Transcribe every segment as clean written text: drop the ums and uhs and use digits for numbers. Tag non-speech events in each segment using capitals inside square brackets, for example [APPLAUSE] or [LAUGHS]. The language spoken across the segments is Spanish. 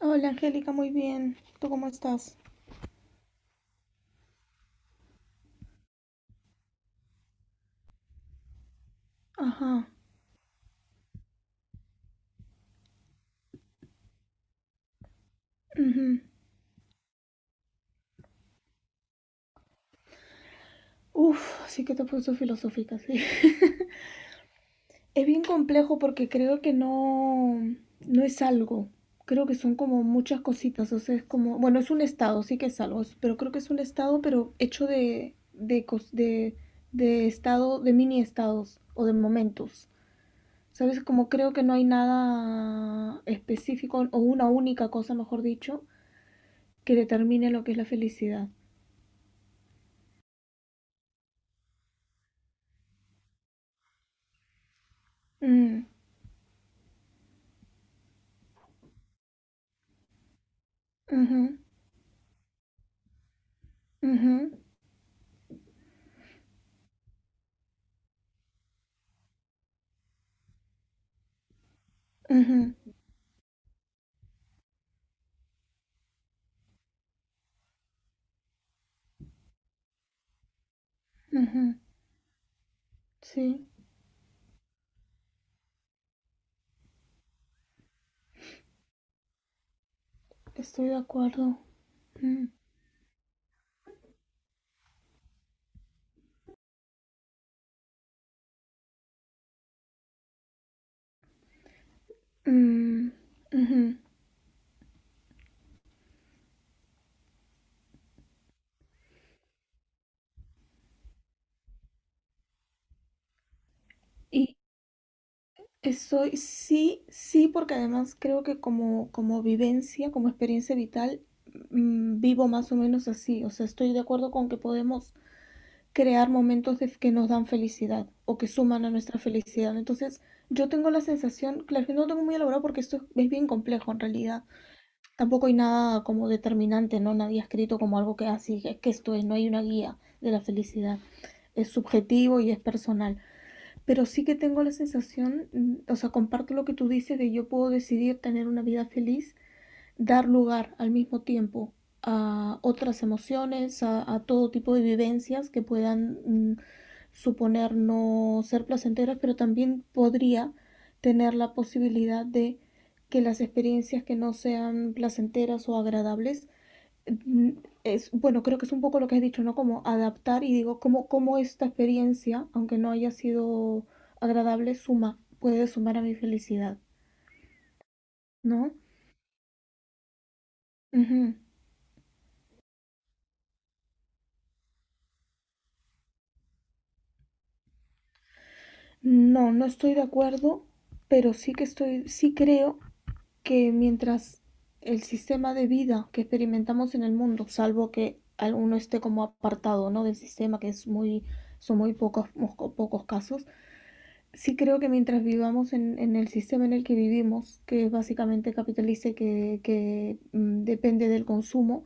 Hola Angélica, muy bien. ¿Tú cómo estás? Ajá. Ujú. Uf, sí que te he puesto filosófica, sí. [LAUGHS] Es bien complejo porque creo que no es algo. Creo que son como muchas cositas. O sea, es como, bueno, es un estado, sí que es algo, pero creo que es un estado, pero hecho de estado, de mini estados o de momentos. ¿Sabes? Como creo que no hay nada específico o una única cosa, mejor dicho, que determine lo que es la felicidad. Mm, Ujú, ujú, ujú, ujú. Sí, estoy de acuerdo. Mm, mm, ujú. Y estoy, sí, sí, porque además creo que como, como vivencia, como experiencia vital, vivo más o menos así. O sea, estoy de acuerdo con que podemos crear que nos dan felicidad o que suman a nuestra felicidad. Entonces, yo tengo la sensación, claro, que no lo tengo muy elaborado porque esto es bien complejo en realidad. Tampoco hay nada como determinante, ¿no? Nadie ha escrito como algo que así, es que esto es, no hay una guía de la felicidad. Es subjetivo y es personal. Pero sí que tengo la sensación, o sea, comparto lo que tú dices de yo puedo decidir tener una vida feliz, dar lugar al mismo tiempo a otras emociones, a todo tipo de vivencias que puedan suponer no ser placenteras, pero también podría tener la posibilidad de que las experiencias que no sean placenteras o agradables, mm, es, bueno, creo que es un poco lo que has dicho, ¿no? Como adaptar y digo, ¿cómo esta experiencia, aunque no haya sido agradable, suma, puede sumar a mi felicidad, ¿no? Uh -huh. No, no estoy de acuerdo, pero sí que estoy, sí creo que mientras el sistema de vida que experimentamos en el mundo, salvo que alguno esté como apartado, ¿no? Del sistema, que es muy, son muy pocos, pocos casos, sí creo que mientras vivamos en el sistema en el que vivimos, que es básicamente capitalista que depende del consumo,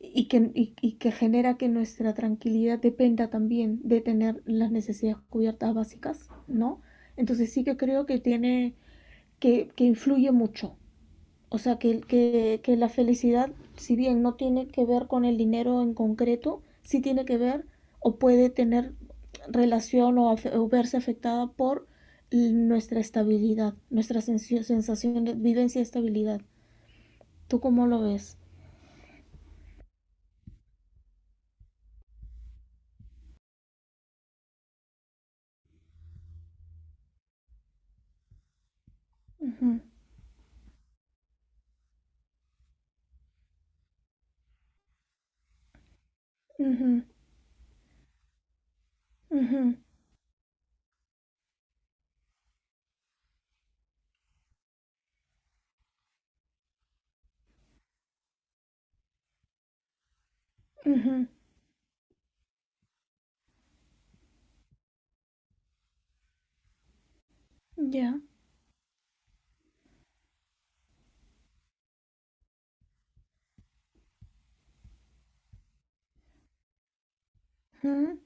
y y que genera que nuestra tranquilidad dependa también de tener las necesidades cubiertas básicas, ¿no? Entonces sí que creo que tiene, que influye mucho, o sea, que la felicidad, si bien no tiene que ver con el dinero en concreto, sí tiene que ver o puede tener relación o verse afectada por nuestra estabilidad, nuestra sensación de vivencia y estabilidad. ¿Tú cómo lo ves? Ujú, ujú, ujú, ujú. Ya. Ujú,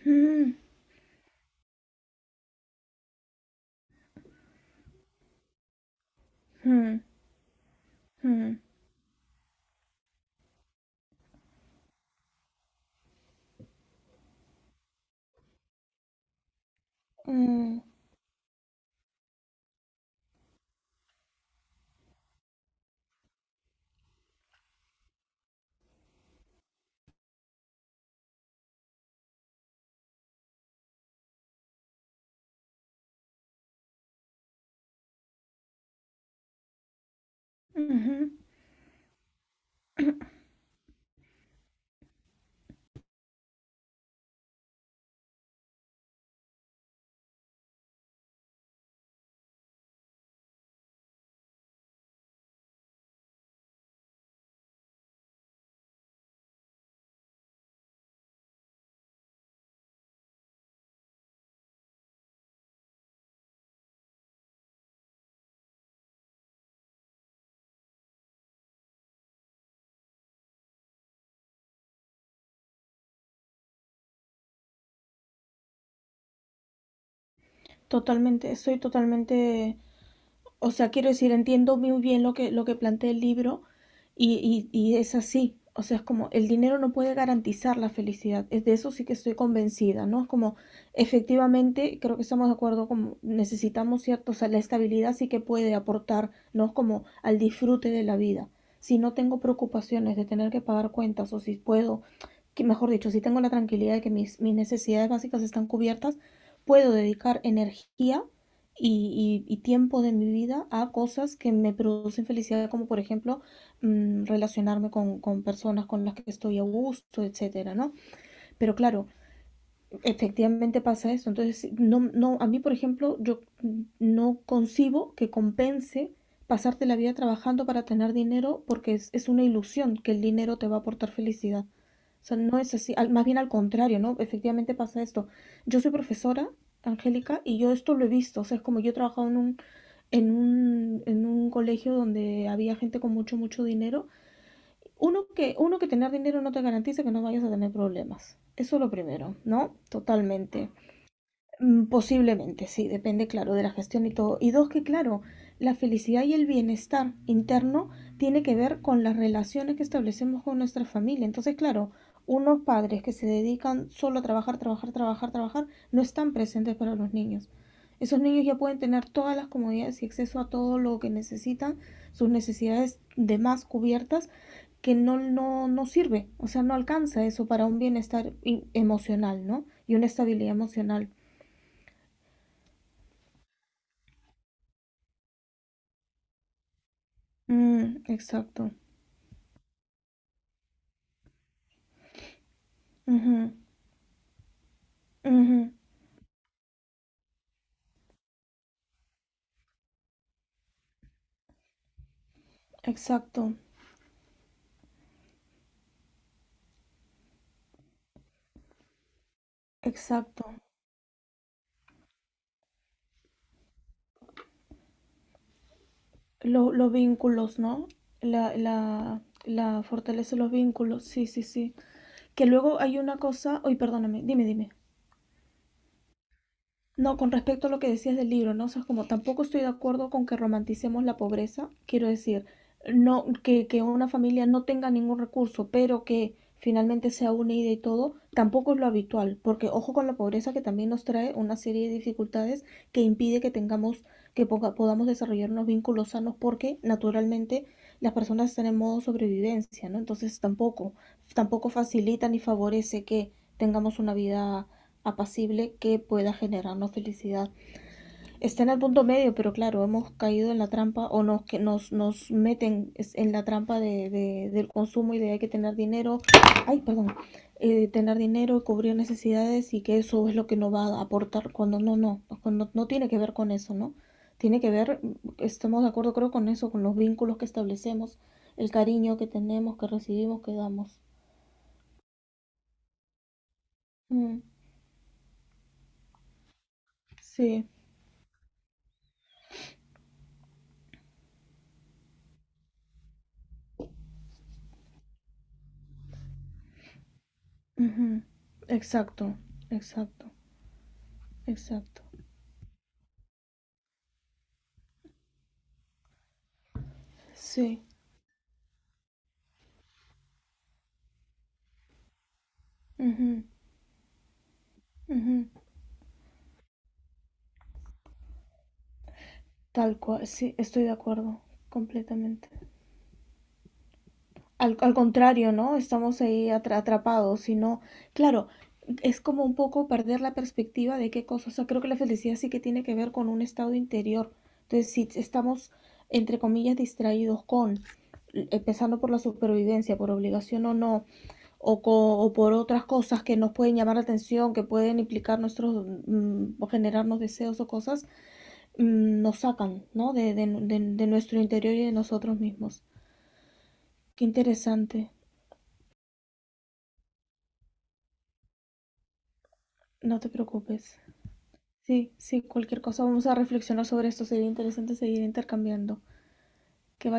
ujú, ujú, ujú, ujú. Totalmente, estoy totalmente. O sea, quiero decir, entiendo muy bien lo que plantea el libro y, y es así. O sea, es como el dinero no puede garantizar la felicidad. Es de eso sí que estoy convencida, ¿no? Es como efectivamente, creo que estamos de acuerdo, como necesitamos cierto, o sea, la estabilidad sí que puede aportar, ¿no? Es como al disfrute de la vida. Si no tengo preocupaciones de tener que pagar cuentas o si puedo, que mejor dicho, si tengo la tranquilidad de que mis necesidades básicas están cubiertas, puedo dedicar energía y, y tiempo de mi vida a cosas que me producen felicidad, como por ejemplo relacionarme con personas con las que estoy a gusto, etcétera, ¿no? Pero claro, efectivamente pasa eso. Entonces, sí, no, no, a mí, por ejemplo, yo no concibo que compense pasarte la vida trabajando para tener dinero porque es una ilusión que el dinero te va a aportar felicidad. O sea, no es así, más bien al contrario, ¿no? Efectivamente pasa esto. Yo soy profesora, Angélica, y yo esto lo he visto. O sea, es como yo he trabajado en un colegio donde había gente con mucho, mucho dinero. Uno que, uno que tener dinero no te garantiza que no vayas a tener problemas. Eso es lo primero, ¿no? Totalmente. Mm, posiblemente, sí, depende, claro, de la gestión y todo. Y dos, que claro, la felicidad y el bienestar interno tiene que ver con las relaciones que establecemos con nuestra familia. Entonces, claro, unos padres que se dedican solo a trabajar, trabajar, trabajar, trabajar, no están presentes para los niños. Esos niños ya pueden tener todas las comodidades y acceso a todo lo que necesitan, sus necesidades de más cubiertas, que no, no, no sirve, o sea, no alcanza eso para un bienestar emocional, ¿no? Y una estabilidad emocional. Mm, exacto. Ujú, ujú, exacto, exacto. Lo- los vínculos, ¿no? La fortaleza de los vínculos, sí, sí, sí. Que luego hay una cosa, uy, perdóname, dime, dime. No, con respecto a lo que decías del libro, ¿no? O sea, es como tampoco estoy de acuerdo con que romanticemos la pobreza. Quiero decir, no, que una familia no tenga ningún recurso, pero que finalmente sea unida y todo, tampoco es lo habitual, porque ojo con la pobreza que también nos trae una serie de dificultades que impide que tengamos, que podamos desarrollar unos vínculos sanos, porque naturalmente las personas están en modo sobrevivencia, ¿no? Entonces tampoco, tampoco facilita ni favorece que tengamos una vida apacible que pueda generarnos felicidad. Está en el punto medio, pero claro, hemos caído en la trampa o nos, que nos, nos meten en la trampa del consumo y de hay que tener dinero, ay, perdón, tener dinero, cubrir necesidades y que eso es lo que nos va a aportar cuando no, no, cuando no tiene que ver con eso, ¿no? Tiene que ver, estamos de acuerdo creo con eso, con los vínculos que establecemos, el cariño que tenemos, que recibimos, que damos. Mm, sí, ujú, exacto, exacto. Exacto. Sí. Ujú, ujú. Tal cual. Sí, estoy de acuerdo completamente. Al, al contrario, ¿no? Estamos ahí atrapados, sino, claro, es como un poco perder la perspectiva de qué cosas. O sea, creo que la felicidad sí que tiene que ver con un estado interior. Entonces, si estamos, entre comillas, distraídos con, empezando por la supervivencia, por obligación o no, o por otras cosas que nos pueden llamar la atención, que pueden implicar nuestros, o generarnos deseos o cosas nos sacan, ¿no? De nuestro interior y de nosotros mismos. Qué interesante. No te preocupes. Sí, sí, cualquier cosa vamos a reflexionar sobre esto. Sería interesante seguir intercambiando. Que vaya